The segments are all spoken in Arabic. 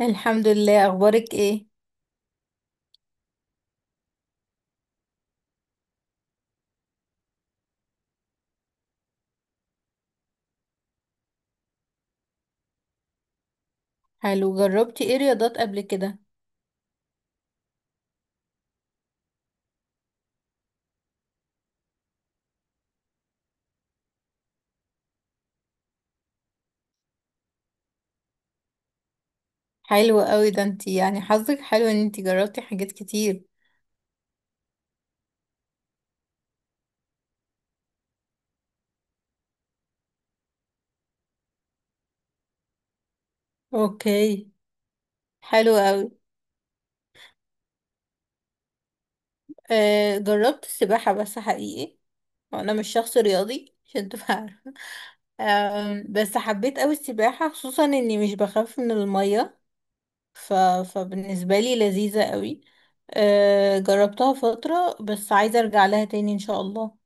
الحمد لله. اخبارك ايه؟ حلو، جربتي ايه رياضات قبل كده؟ حلو قوي، ده انتي يعني حظك حلو ان انتي جربتي حاجات كتير. اوكي، حلو قوي. آه، جربت السباحة بس حقيقي، وانا مش شخص رياضي عشان تبقى عارفة. بس حبيت قوي السباحة، خصوصا اني مش بخاف من المية. ف... فبالنسبة لي لذيذة قوي. آه جربتها فترة، بس عايزة ارجع لها تاني ان شاء الله.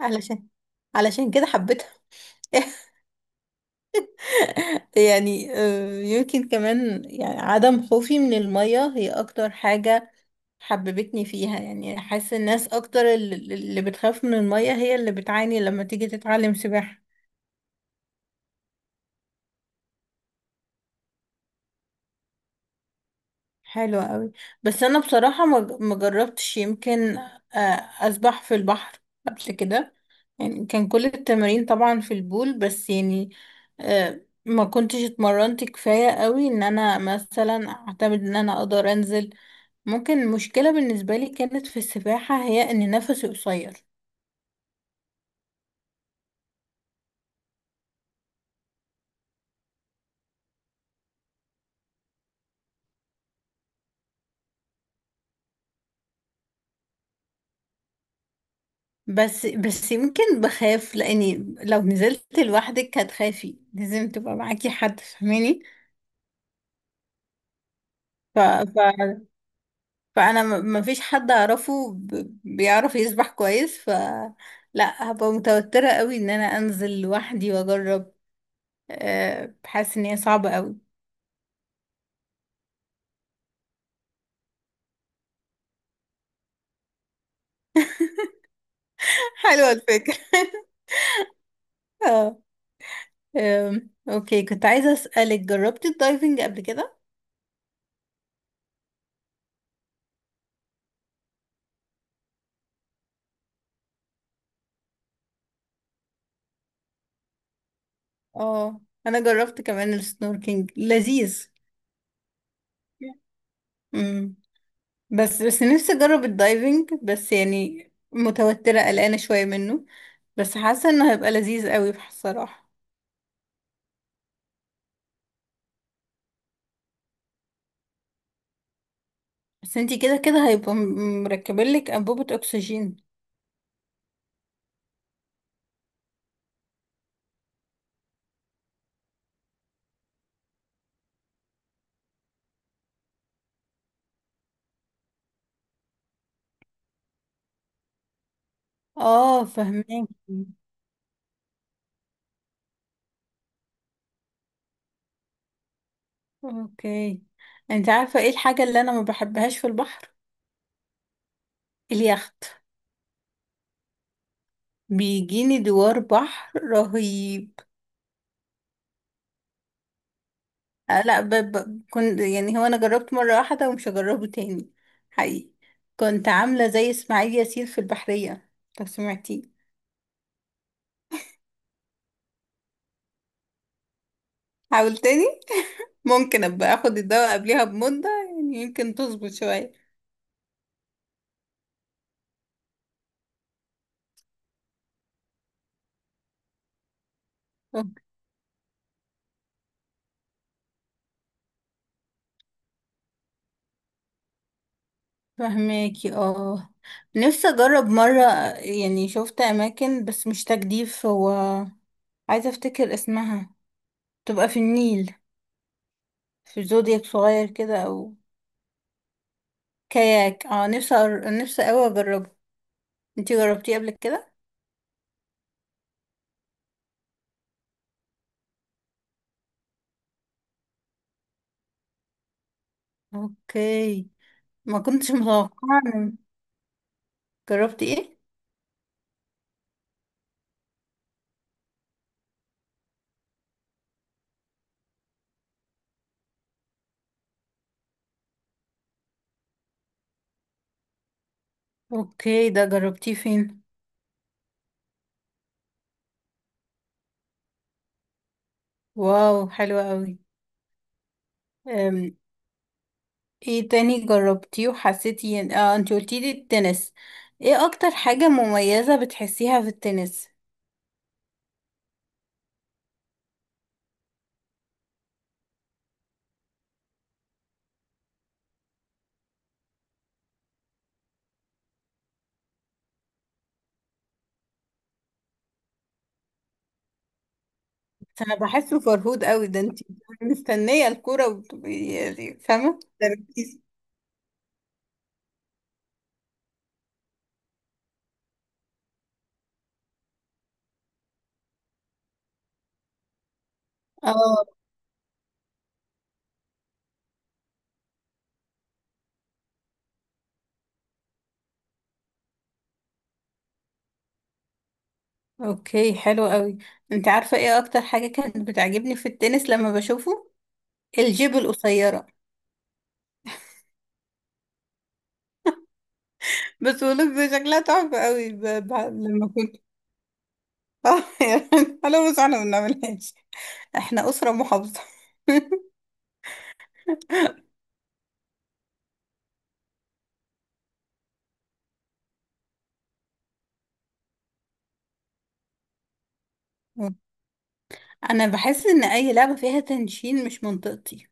علشان علشان كده حبيتها. يعني يمكن كمان يعني عدم خوفي من المية هي أكتر حاجة حببتني فيها. يعني حاسة الناس أكتر اللي بتخاف من المية هي اللي بتعاني لما تيجي تتعلم سباحة. حلوة قوي. بس أنا بصراحة ما جربتش يمكن آه، أسبح في البحر قبل كده. يعني كان كل التمارين طبعا في البول، بس يعني ما كنتش اتمرنت كفاية قوي ان انا مثلا اعتمد ان انا اقدر انزل. ممكن المشكلة بالنسبة لي كانت في السباحة هي ان نفسي قصير. بس يمكن بخاف، لاني لو نزلت لوحدك هتخافي، لازم تبقى معاكي حد، فاهماني؟ ف... ف... فانا ما فيش حد اعرفه بيعرف يسبح كويس ف، لا هبقى متوترة قوي ان انا انزل لوحدي واجرب. بحس ان هي صعبة قوي. حلوة الفكرة. اه. اوكي، كنت عايزة اسألك، جربتي الدايفنج قبل كده؟ اه انا جربت كمان السنوركينج لذيذ. امم بس نفسي اجرب الدايفنج، بس يعني متوترة قلقانة شوية منه. بس حاسة انه هيبقى لذيذ قوي بصراحة. بس انتي كده كده هيبقى مركبلك انبوبة اكسجين. اه فهماكي. اوكي، انت عارفة ايه الحاجة اللي انا ما بحبهاش في البحر؟ اليخت. بيجيني دوار بحر رهيب. آه، لا ب... ب... كنت يعني، هو انا جربت مرة واحدة ومش هجربه تاني حقيقي. كنت عاملة زي اسماعيل ياسين في البحرية، لو سمعتيه. حاول تاني، ممكن ابقى اخد الدواء قبلها بمدة، يعني يمكن تظبط شوية. أوكي، فهماكي اه. نفسي اجرب مرة، يعني شفت اماكن بس مش تجديف، هو عايزة افتكر اسمها، تبقى في النيل في زودياك صغير كده او كاياك. اه، نفسي نفسي اوي اجربه. انتي جربتيه قبل كده؟ اوكي، ما كنتش متوقعة إن- جربتي ايه؟ اوكي، ده جربتيه فين؟ واو، حلو قوي. أم، ايه تاني جربتيه وحسيتي إن- اه، انتي قلتي لي التنس. ايه اكتر حاجة مميزة بتحسيها في التنس؟ انا بحسه فرهود قوي، ده انتي بتبقي مستنية الكورة وبتبقي يعني فاهمة تركيز. اه، اوكي حلو قوي. انت عارفة ايه اكتر حاجة كانت بتعجبني في التنس لما بشوفه؟ الجيب القصيرة. بس ولوك شكلها تحفة قوي لما كنت. اه يا بنت، حلو بس احنا ما بنعملهاش. احنا أسرة محافظة. انا بحس ان اي لعبة فيها تنشين مش منطقتي.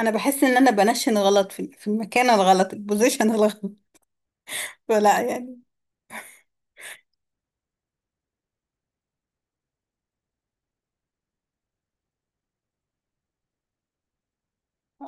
انا بحس ان انا بنشن غلط في المكان الغلط، البوزيشن الغلط. فلا يعني.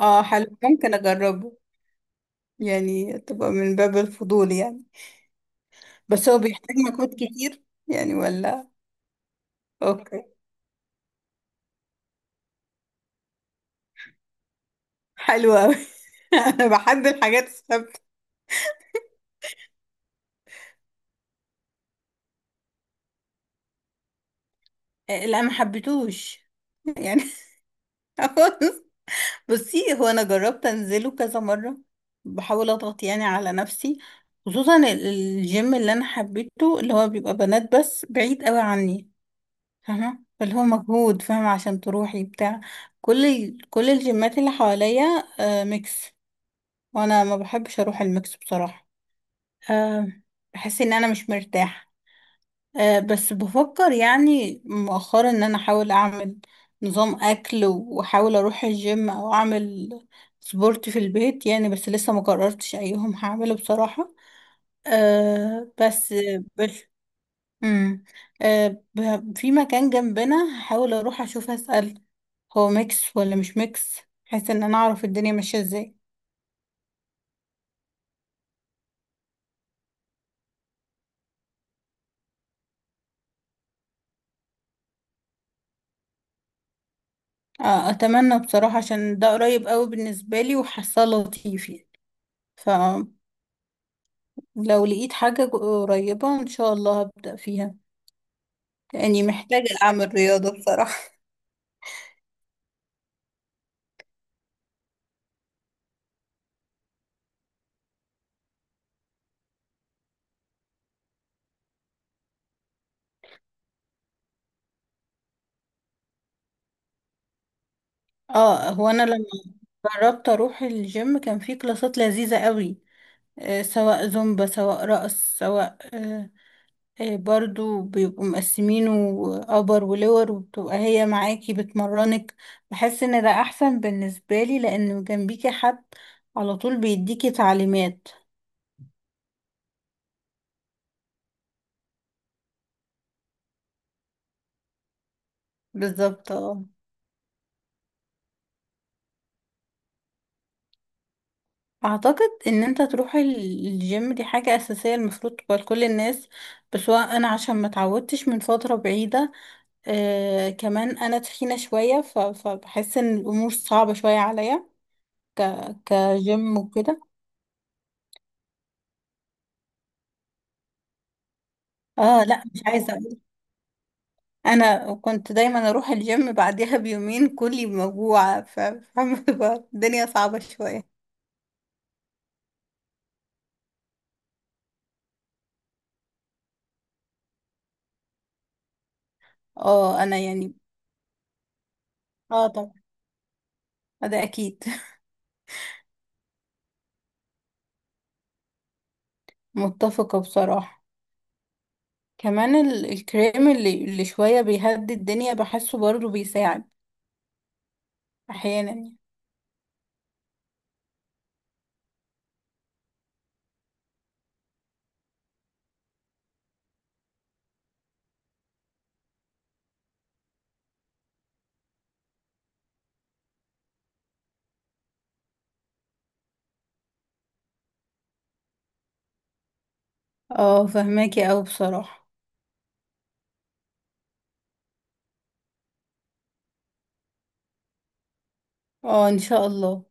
اه حلو، ممكن اجربه. يعني تبقى من باب الفضول يعني. بس هو بيحتاج مجهود كتير، يعني ولا؟ اوكي، حلو قوي. انا بحب الحاجات الثابتة. لا ما حبيتوش يعني. خالص. بصي، هو انا جربت انزله كذا مره، بحاول اضغط يعني على نفسي. خصوصا الجيم اللي انا حبيته اللي هو بيبقى بنات بس بعيد قوي عني، فاهمه. فاللي هو مجهود، فاهمه، عشان تروحي بتاع كل الجيمات اللي حواليا آه ميكس. وانا ما بحبش اروح الميكس بصراحه. آه بحس ان انا مش مرتاحه. بس بفكر يعني مؤخرا ان انا احاول اعمل نظام اكل، واحاول اروح الجيم او اعمل سبورت في البيت، يعني بس لسه ما قررتش ايهم هعمله بصراحة. بس بس مم. أه في مكان جنبنا هحاول اروح اشوف، اسأل هو ميكس ولا مش ميكس، بحيث ان انا اعرف الدنيا ماشية ازاي. اتمنى بصراحة عشان ده قريب قوي بالنسبة لي وحاساه لطيف. يعني لو لقيت حاجة قريبة ان شاء الله هبدأ فيها. يعني محتاجة اعمل رياضة بصراحة. اه، هو انا لما جربت اروح الجيم كان في كلاسات لذيذة قوي. سواء زومبا، سواء رقص، سواء برضو بيبقوا مقسمينه ابر ولور، وبتبقى هي معاكي بتمرنك. بحس ان ده احسن بالنسبة لي، لان جنبيكي حد على طول بيديكي تعليمات. بالظبط اه. اعتقد ان انت تروح الجيم دي حاجة اساسية المفروض تبقى لكل الناس. بس هو انا عشان ما اتعودتش من فترة بعيدة، كمان انا تخينة شوية، فبحس ان الامور صعبة شوية عليا كجيم وكده. اه لا، مش عايزة اقول، انا كنت دايما اروح الجيم بعدها بيومين كلي موجوعة، فاهمة بقى؟ الدنيا صعبة شوية. اه انا يعني. اه طبعا، ده اكيد. متفقة بصراحة. كمان الكريم اللي شوية بيهدي الدنيا بحسه برضه بيساعد أحيانا. اه فهماكي أوي بصراحة. اه إن شاء الله.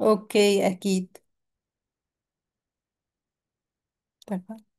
أوكي، أكيد. اتفقنا.